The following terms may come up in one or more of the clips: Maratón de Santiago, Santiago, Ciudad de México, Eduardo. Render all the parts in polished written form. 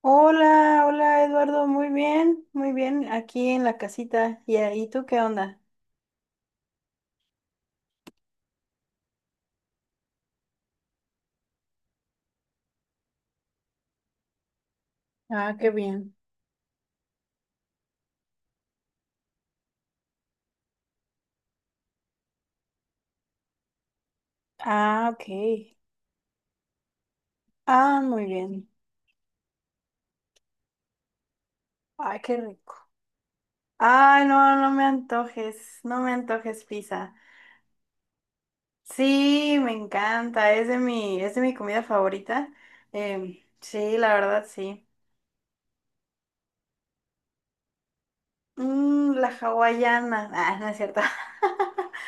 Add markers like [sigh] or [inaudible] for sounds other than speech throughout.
Hola, hola Eduardo, muy bien, aquí en la casita. ¿Y, ahí tú qué onda? Ah, qué bien. Ah, ok. Ah, muy bien. Ay, qué rico. Ay, no, no me antojes, no me antojes pizza. Sí, me encanta, es de mi comida favorita. Sí, la verdad, sí. La hawaiana. Ah, no es cierto. [laughs]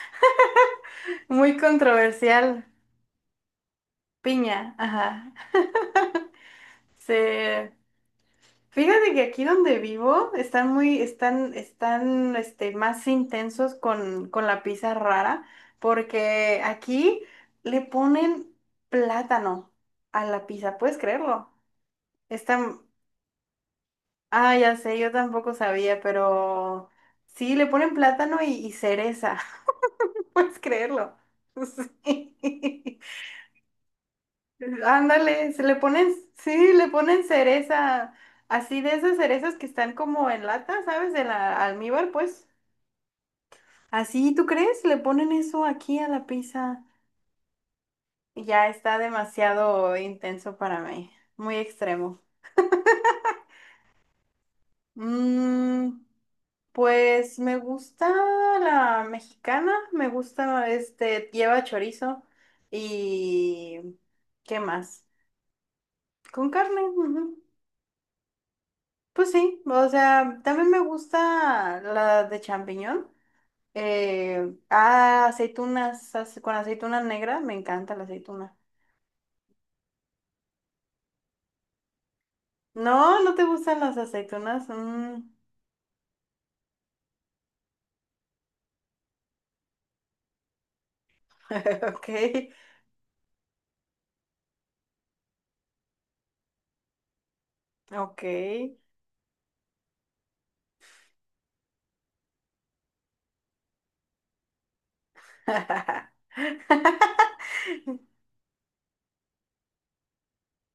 Muy controversial. Piña, ajá. [laughs] Sí. Fíjate que aquí donde vivo están más intensos con la pizza rara, porque aquí le ponen plátano a la pizza, ¿puedes creerlo? Están, ah, ya sé, yo tampoco sabía, pero sí, le ponen plátano y cereza, [laughs] ¿puedes creerlo? [laughs] Sí. Ándale, sí, le ponen cereza, así de esas cerezas que están como en lata, ¿sabes? De la almíbar, pues. Así, ¿tú crees? Le ponen eso aquí a la pizza. Ya está demasiado intenso para mí, muy extremo. Mm, pues me gusta la mexicana, me gusta, lleva chorizo y ¿qué más? Con carne. Ujú. Pues sí, o sea, también me gusta la de champiñón. Ah, aceitunas, con aceituna negra, me encanta la aceituna. No, no te gustan las aceitunas. Mm, [laughs] ok, ok. [laughs]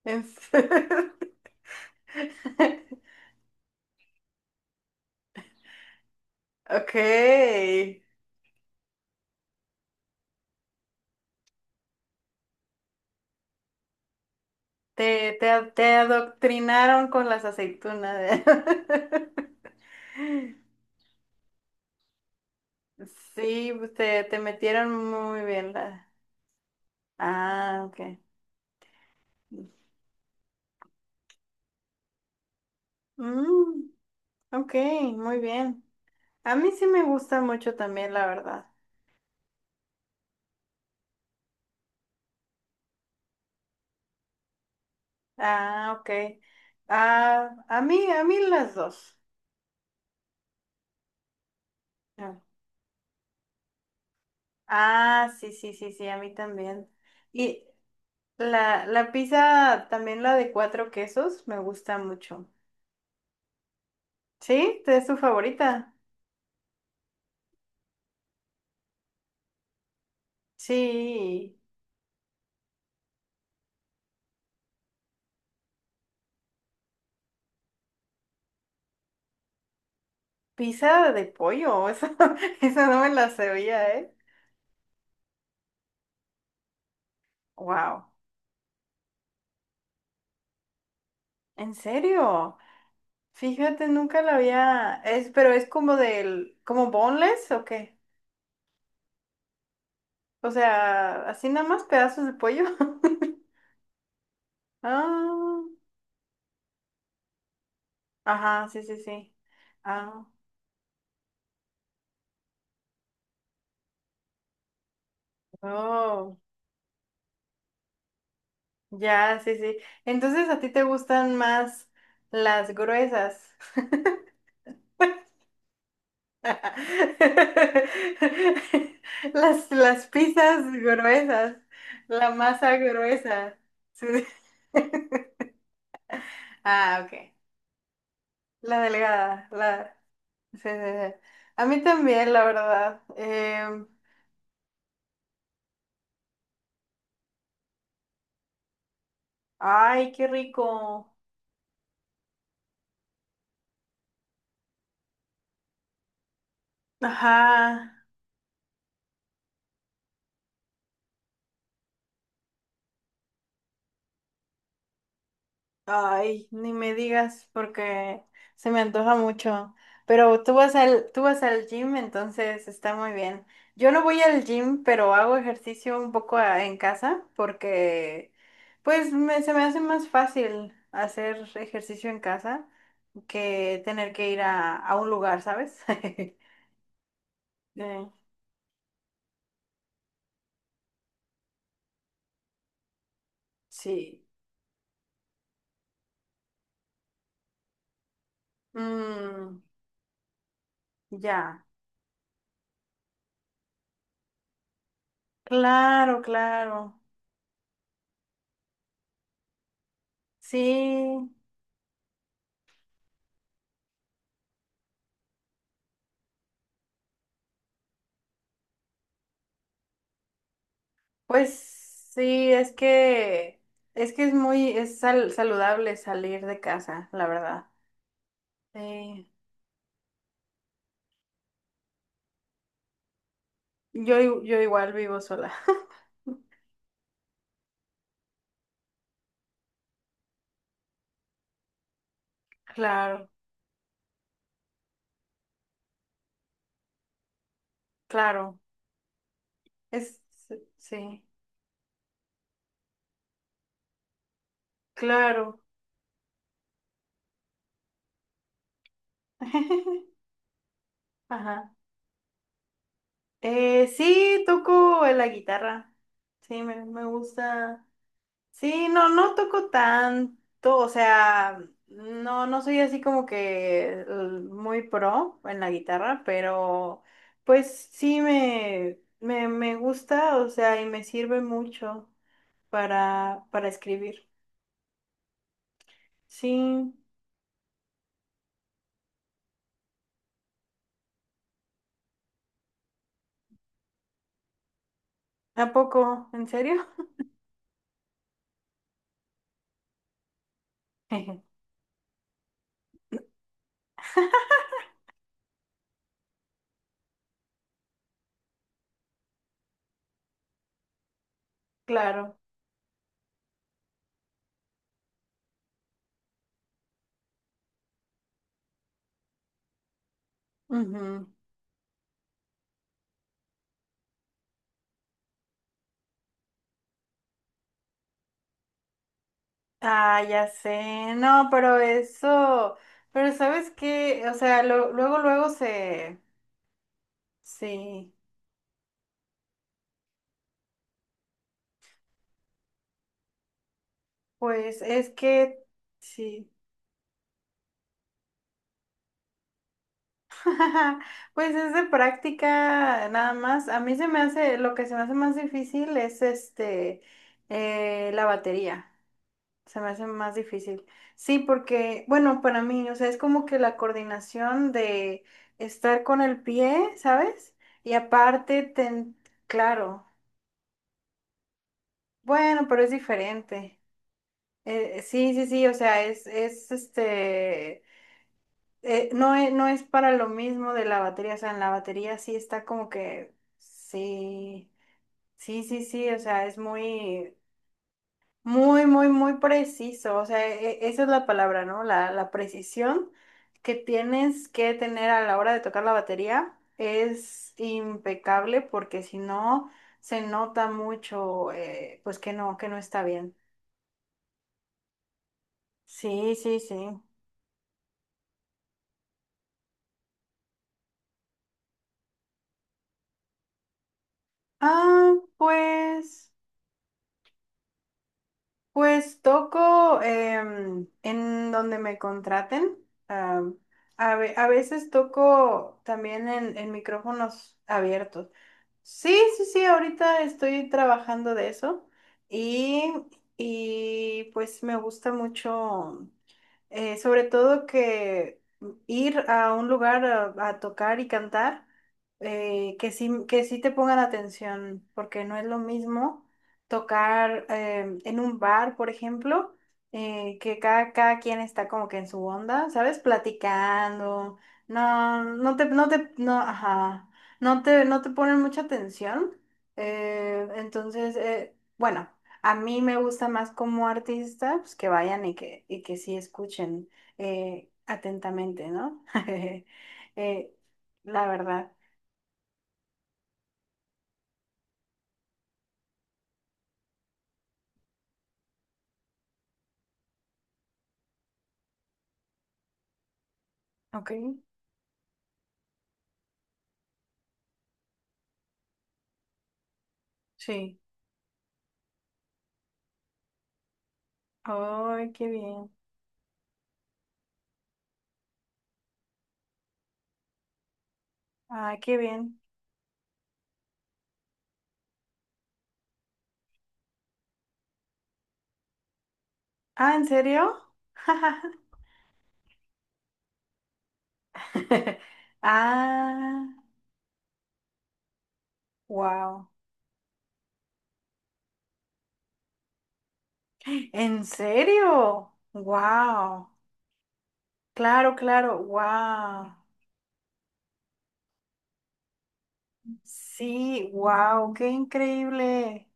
En serio. [laughs] Ok, te adoctrinaron con las aceitunas. [laughs] Sí, pues, te metieron muy bien la. Ah, ok. Mm, ok, muy bien. A mí sí me gusta mucho también, la verdad. Ah, ok. Ah, a mí las dos. Ah, Ah, sí, sí, sí, sí, a mí también. Y la pizza, también la de cuatro quesos, me gusta mucho. ¿Sí? ¿Es tu favorita? Sí. Pizza de pollo, [laughs] esa no me la sabía, ¿eh? Wow. ¿En serio? Fíjate, nunca la había, pero es como del, como boneless, ¿o qué? O sea, así nada más pedazos de pollo. [laughs] Ah, ajá, sí, sí, sí. Ah, oh, ya, sí, sí. Entonces a ti te gustan más las gruesas. [laughs] Las pizzas gruesas, la masa gruesa. Sí. [laughs] Ah, ok. La delgada, la. Sí, sí, sí. A mí también, la verdad. Ay, qué rico. Ajá. Ay, ni me digas porque se me antoja mucho. Pero tú vas al gym, entonces está muy bien. Yo no voy al gym, pero hago ejercicio un poco en casa porque pues se me hace más fácil hacer ejercicio en casa que tener que ir a un lugar, ¿sabes? [laughs] Eh, Sí. Mm. Ya, claro, claro. Sí, pues sí, es que es saludable salir de casa, la verdad. Sí. Yo igual vivo sola. [laughs] Claro, claro. Es Sí, claro. [laughs] Ajá. Sí, toco la guitarra. Sí, me gusta. Sí, no, no toco tanto, o sea, no, no soy así como que muy pro en la guitarra, pero pues sí me gusta, o sea, y me sirve mucho para escribir. Sí, ¿a poco? ¿En serio? [laughs] Claro. Ujú. Ah, ya sé, no, pero eso, pero ¿sabes qué? O sea, luego, luego se, sí. Pues es que sí, [laughs] pues es de práctica nada más. A mí se me hace, lo que se me hace más difícil es la batería. Se me hace más difícil. Sí, porque, bueno, para mí, o sea, es como que la coordinación de estar con el pie, ¿sabes? Y aparte, claro, bueno, pero es diferente. Sí, sí, sí, o sea, es este no es para lo mismo de la batería, o sea, en la batería sí está como que, sí, sí, sí, sí, o sea, es muy, muy, muy, muy preciso, o sea, esa es la palabra, ¿no? La precisión que tienes que tener a la hora de tocar la batería es impecable porque si no, se nota mucho, pues que no está bien. Sí, sí, sí. Ah, pues. Pues toco en donde me contraten. am, a veces toco también en micrófonos abiertos. Sí, sí, sí, ahorita estoy trabajando de eso y, y pues me gusta mucho. Sobre todo que ir a un lugar a tocar y cantar, que sí te pongan atención, porque no es lo mismo tocar en un bar, por ejemplo, que cada quien está como que en su onda, ¿sabes? Platicando, no, no, ajá, no te ponen mucha atención. Entonces, bueno. A mí me gusta más como artista, pues que vayan y que sí escuchen atentamente, ¿no? [laughs] Eh, la verdad. Ok, sí. Ay, qué bien. Ay, qué bien. Ah, ¿en serio? [laughs] Ah, wow. ¿En serio? Wow. Claro, claro, wow. Sí, wow, qué increíble.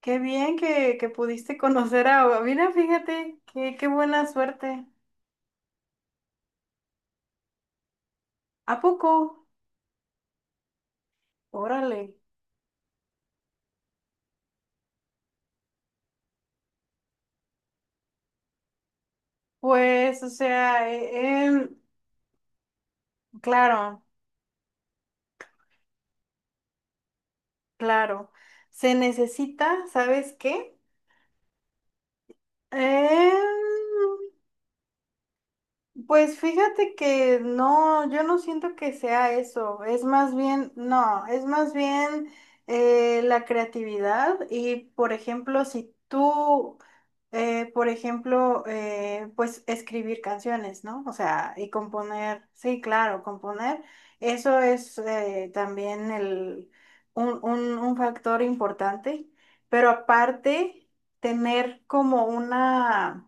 Qué bien que pudiste conocer a. Mira, fíjate, qué buena suerte. ¿A poco? Órale. Pues, o sea, claro, claro. Se necesita, ¿sabes qué? Em, Pues fíjate que no, yo no siento que sea eso, es más bien, no, es más bien la creatividad y por ejemplo, si tú, por ejemplo, pues escribir canciones, ¿no? O sea, y componer, sí, claro, componer, eso es también el, un factor importante, pero aparte, tener como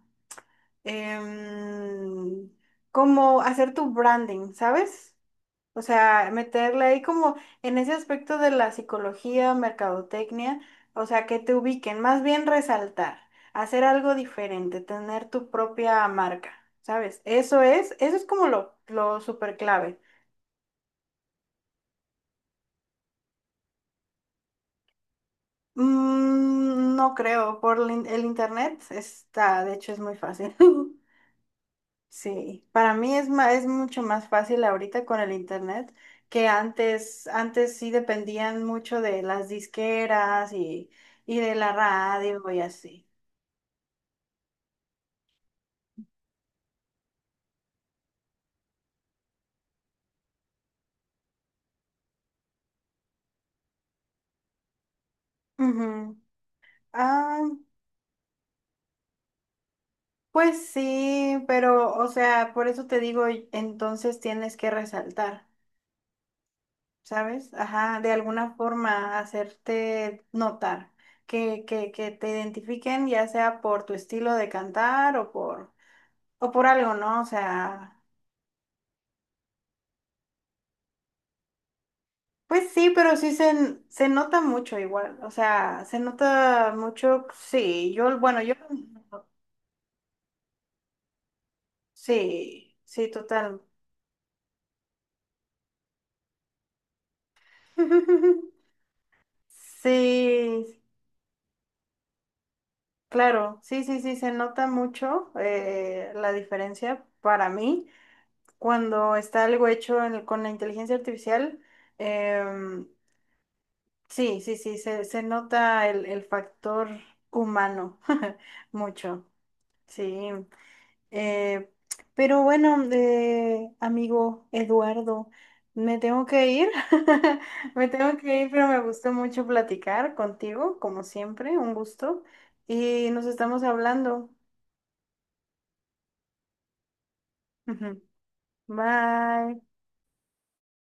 em, como hacer tu branding, ¿sabes? O sea, meterle ahí como en ese aspecto de la psicología, mercadotecnia, o sea, que te ubiquen, más bien resaltar, hacer algo diferente, tener tu propia marca, ¿sabes? Eso es como lo súper clave. No creo, por el internet está, de hecho es muy fácil. [laughs] Sí, para mí es mucho más fácil ahorita con el internet que antes sí dependían mucho de las disqueras y de la radio y así. Ujú. Ah, pues sí, pero o sea, por eso te digo, entonces tienes que resaltar, ¿sabes? Ajá, de alguna forma hacerte notar, que te identifiquen ya sea por tu estilo de cantar o por algo, ¿no? O sea. Pues sí, pero sí se nota mucho igual, o sea, se nota mucho, sí, yo, bueno, yo, sí, sí, total. [laughs] Sí, claro, sí, sí, sí, se nota mucho la diferencia para mí cuando está algo hecho con la inteligencia artificial. em, sí, sí, sí, se nota el factor humano [laughs] mucho, sí. Eh, pero bueno, amigo Eduardo, me tengo que ir, [laughs] me tengo que ir, pero me gustó mucho platicar contigo, como siempre, un gusto, y nos estamos hablando. Ujú. Bye.